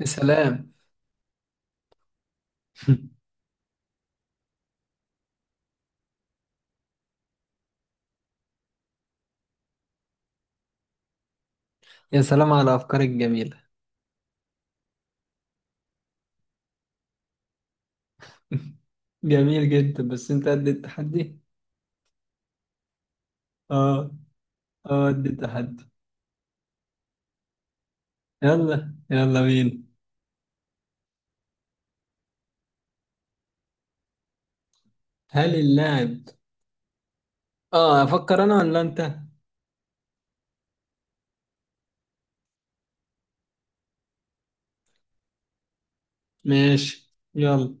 يا سلام. يا سلام على أفكارك الجميلة. جميل جدا، بس أنت قد التحدي؟ آه. آه قد التحدي. يلا يلا بينا. هل اللاعب أفكر أنا ولا أنت؟ ماشي يلا.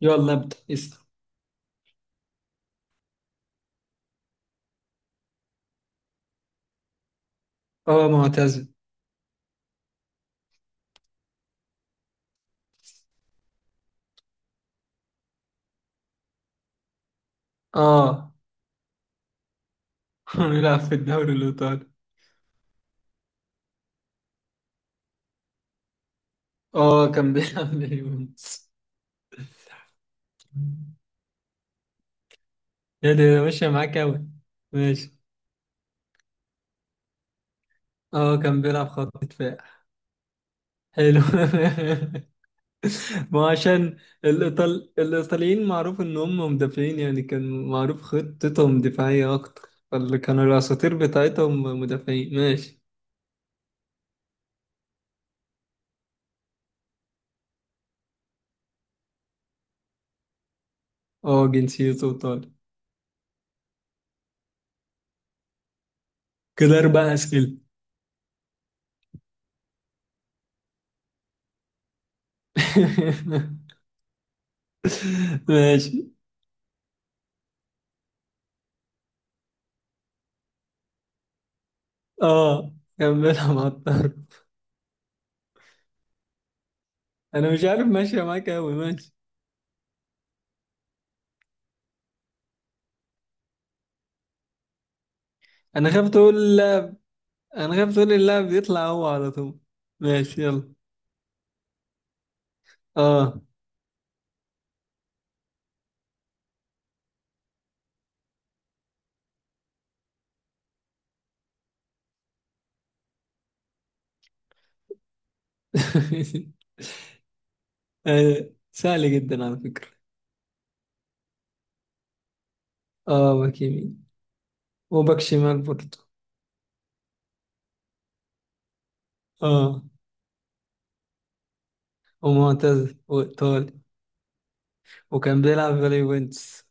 يلا ابدأ اسأل. آه معتزل. آه. بيلعب في الدوري الإيطالي. آه كان بيلعب لليونس. يا ده ماشية معاك أوي. ماشي. آه كان بيلعب خط دفاع. حلو. ما هو عشان الإيطاليين معروف إن هم مدافعين، يعني كان معروف خطتهم دفاعية أكتر، فاللي كانوا الأساطير بتاعتهم مدافعين. ماشي. اه جنسيته إيطالي. كده أربع أسئلة. ماشي. اه كملها مع الطرف. أنا مش عارف، ماشية معاك أوي. ماشي. أنا خايف تقول اللاعب. أنا خايف تقول اللاعب يطلع هو على طول. ماشي يلا. اه. آه، سهل جدا على فكرة. اه باك يمين وباك شمال برضه. اه ومعتزل وإيطالي وكان بيلعب في اليوفنتوس.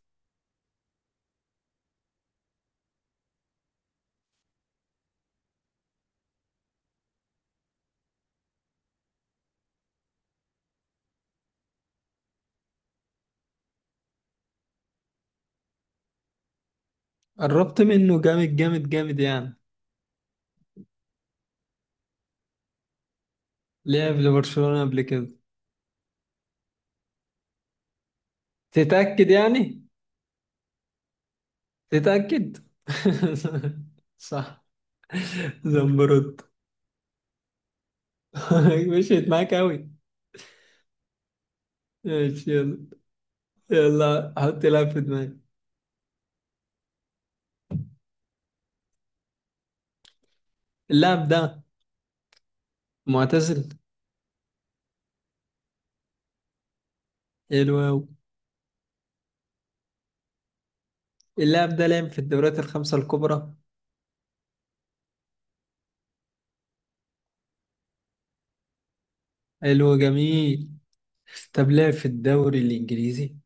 قربت منه جامد جامد جامد يعني. لعب لبرشلونة قبل كده. تتأكد يعني. تتأكد. صح. زمبروت. مشيت معاك أوي. ماشي يلا. يلا حط لاعب في دماغي. اللاعب ده معتزل. حلو أوي. اللاعب ده لعب في الدوريات الخمسة الكبرى. حلو جميل. طب لعب في الدوري الإنجليزي؟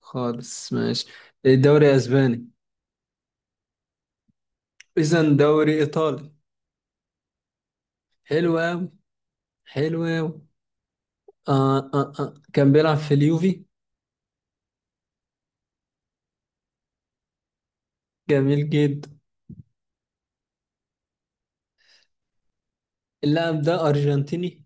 خالص ماشي. دوري اسباني؟ اذا دوري ايطالي. حلو قوي. حلو قوي. كان بيلعب في اليوفي. جميل جدا. اللاعب ده ارجنتيني؟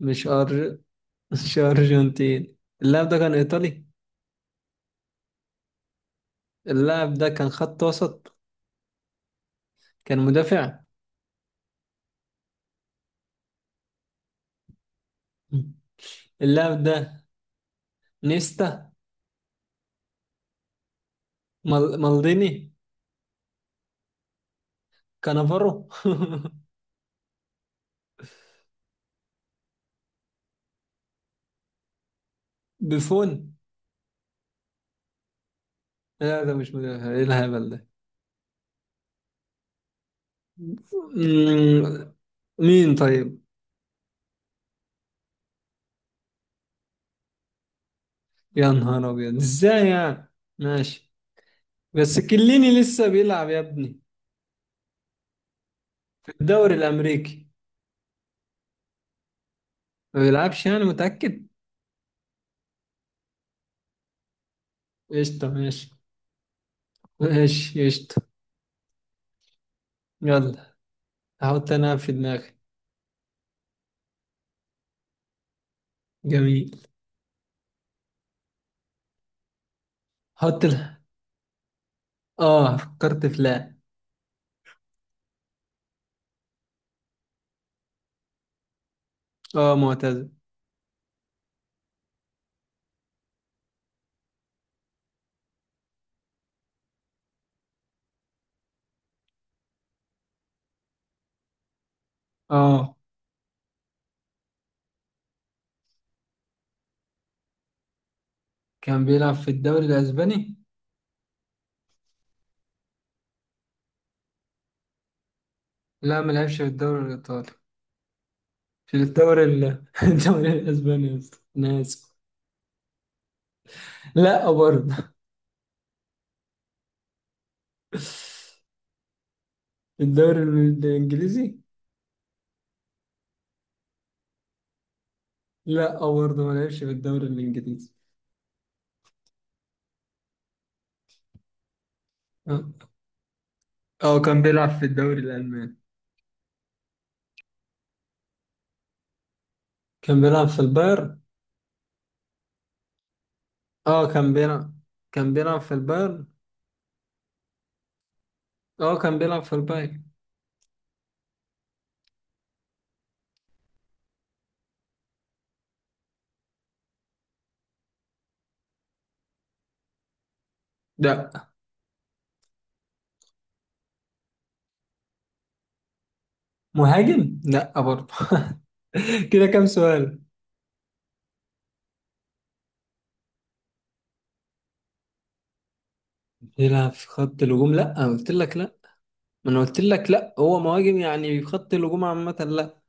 مش أر... مش ارجنتيني. اللاعب ده كان ايطالي. اللاعب ده كان خط وسط. كان مدافع. اللاعب ده نيستا. مالديني. كانافارو. بيفون. لا ده مش مدافع، ايه الهبل ده. مم، مين طيب؟ يا نهار ابيض، ازاي يعني. ماشي. بس كليني لسه بيلعب يا ابني. في الدوري الامريكي. ما بيلعبش يعني، متاكد؟ قشطه ماشي. ماشي قشطه. يلا. هحط انا في دماغي. جميل. حط ال... اه فكرت في لا. اه معتزل. اه كان بيلعب في الدوري الاسباني. لا ما لعبش في الدوري الايطالي. في الدوري ال... الدوري الاسباني يا اسطى انا اسف. لا برضه. الدوري الانجليزي؟ لا آه، برضه ما لعبش في الدوري الانجليزي. اه آه، كان بيلعب في الدوري الالماني. كان بيلعب في البايرن. اه كان بيلعب. كان بيلعب في البايرن اه كان بيلعب في البايرن. لا. مهاجم لا برضه. كده كام سؤال. بيلعب في خط الهجوم؟ لا أنا قلت لك لا. ما انا قلت لك لا هو مهاجم يعني، في خط الهجوم عامة لا.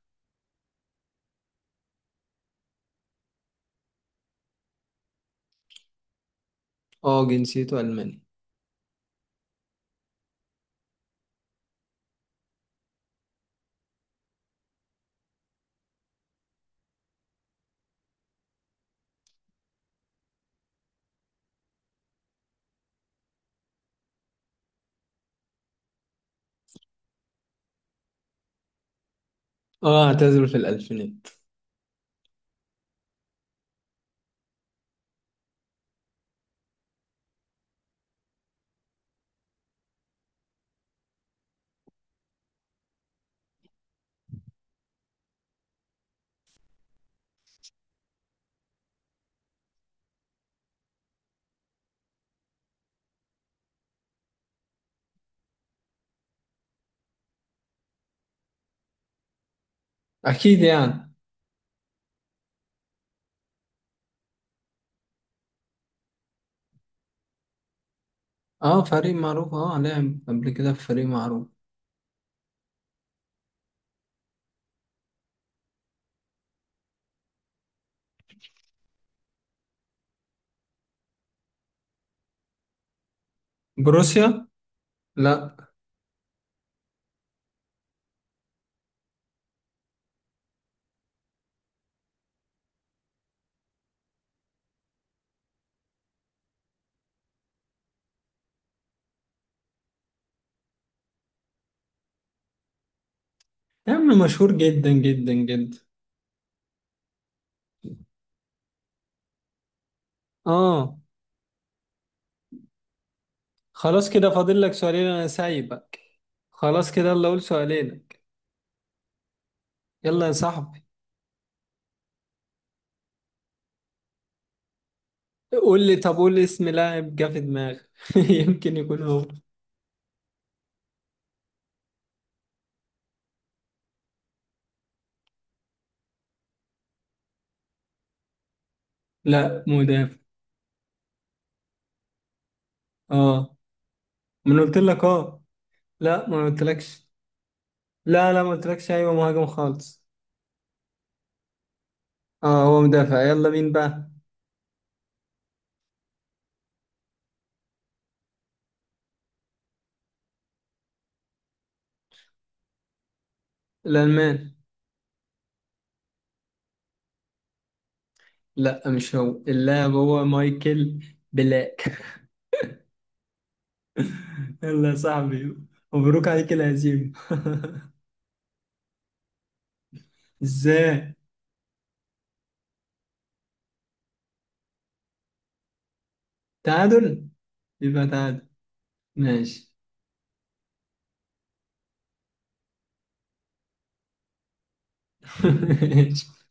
اه جنسيته الماني. اه اعتزل في الالفينات. اكيد يعني. اه فريق معروف. اه لعب قبل كده في فريق معروف. بروسيا لا. يا عم مشهور جدا جدا جدا. اه. خلاص كده فاضل لك سؤالين انا سايبك. خلاص كده يلا قول سؤالينك. يلا يا صاحبي. قول لي، طب قول لي اسم لاعب جه في دماغك. يمكن يكون هو. لا مدافع. اه ما انا قلت لك اه. لا ما أنا قلتلكش. لا ما قلتلكش ايوه مهاجم خالص. اه هو مدافع، يلا مين بقى. الالمان لا. مش هو اللاعب، هو مايكل بلاك. يلا يا صاحبي. مبروك عليك الهزيمة. ازاي؟ تعادل. يبقى تعادل. ماشي. ماشي.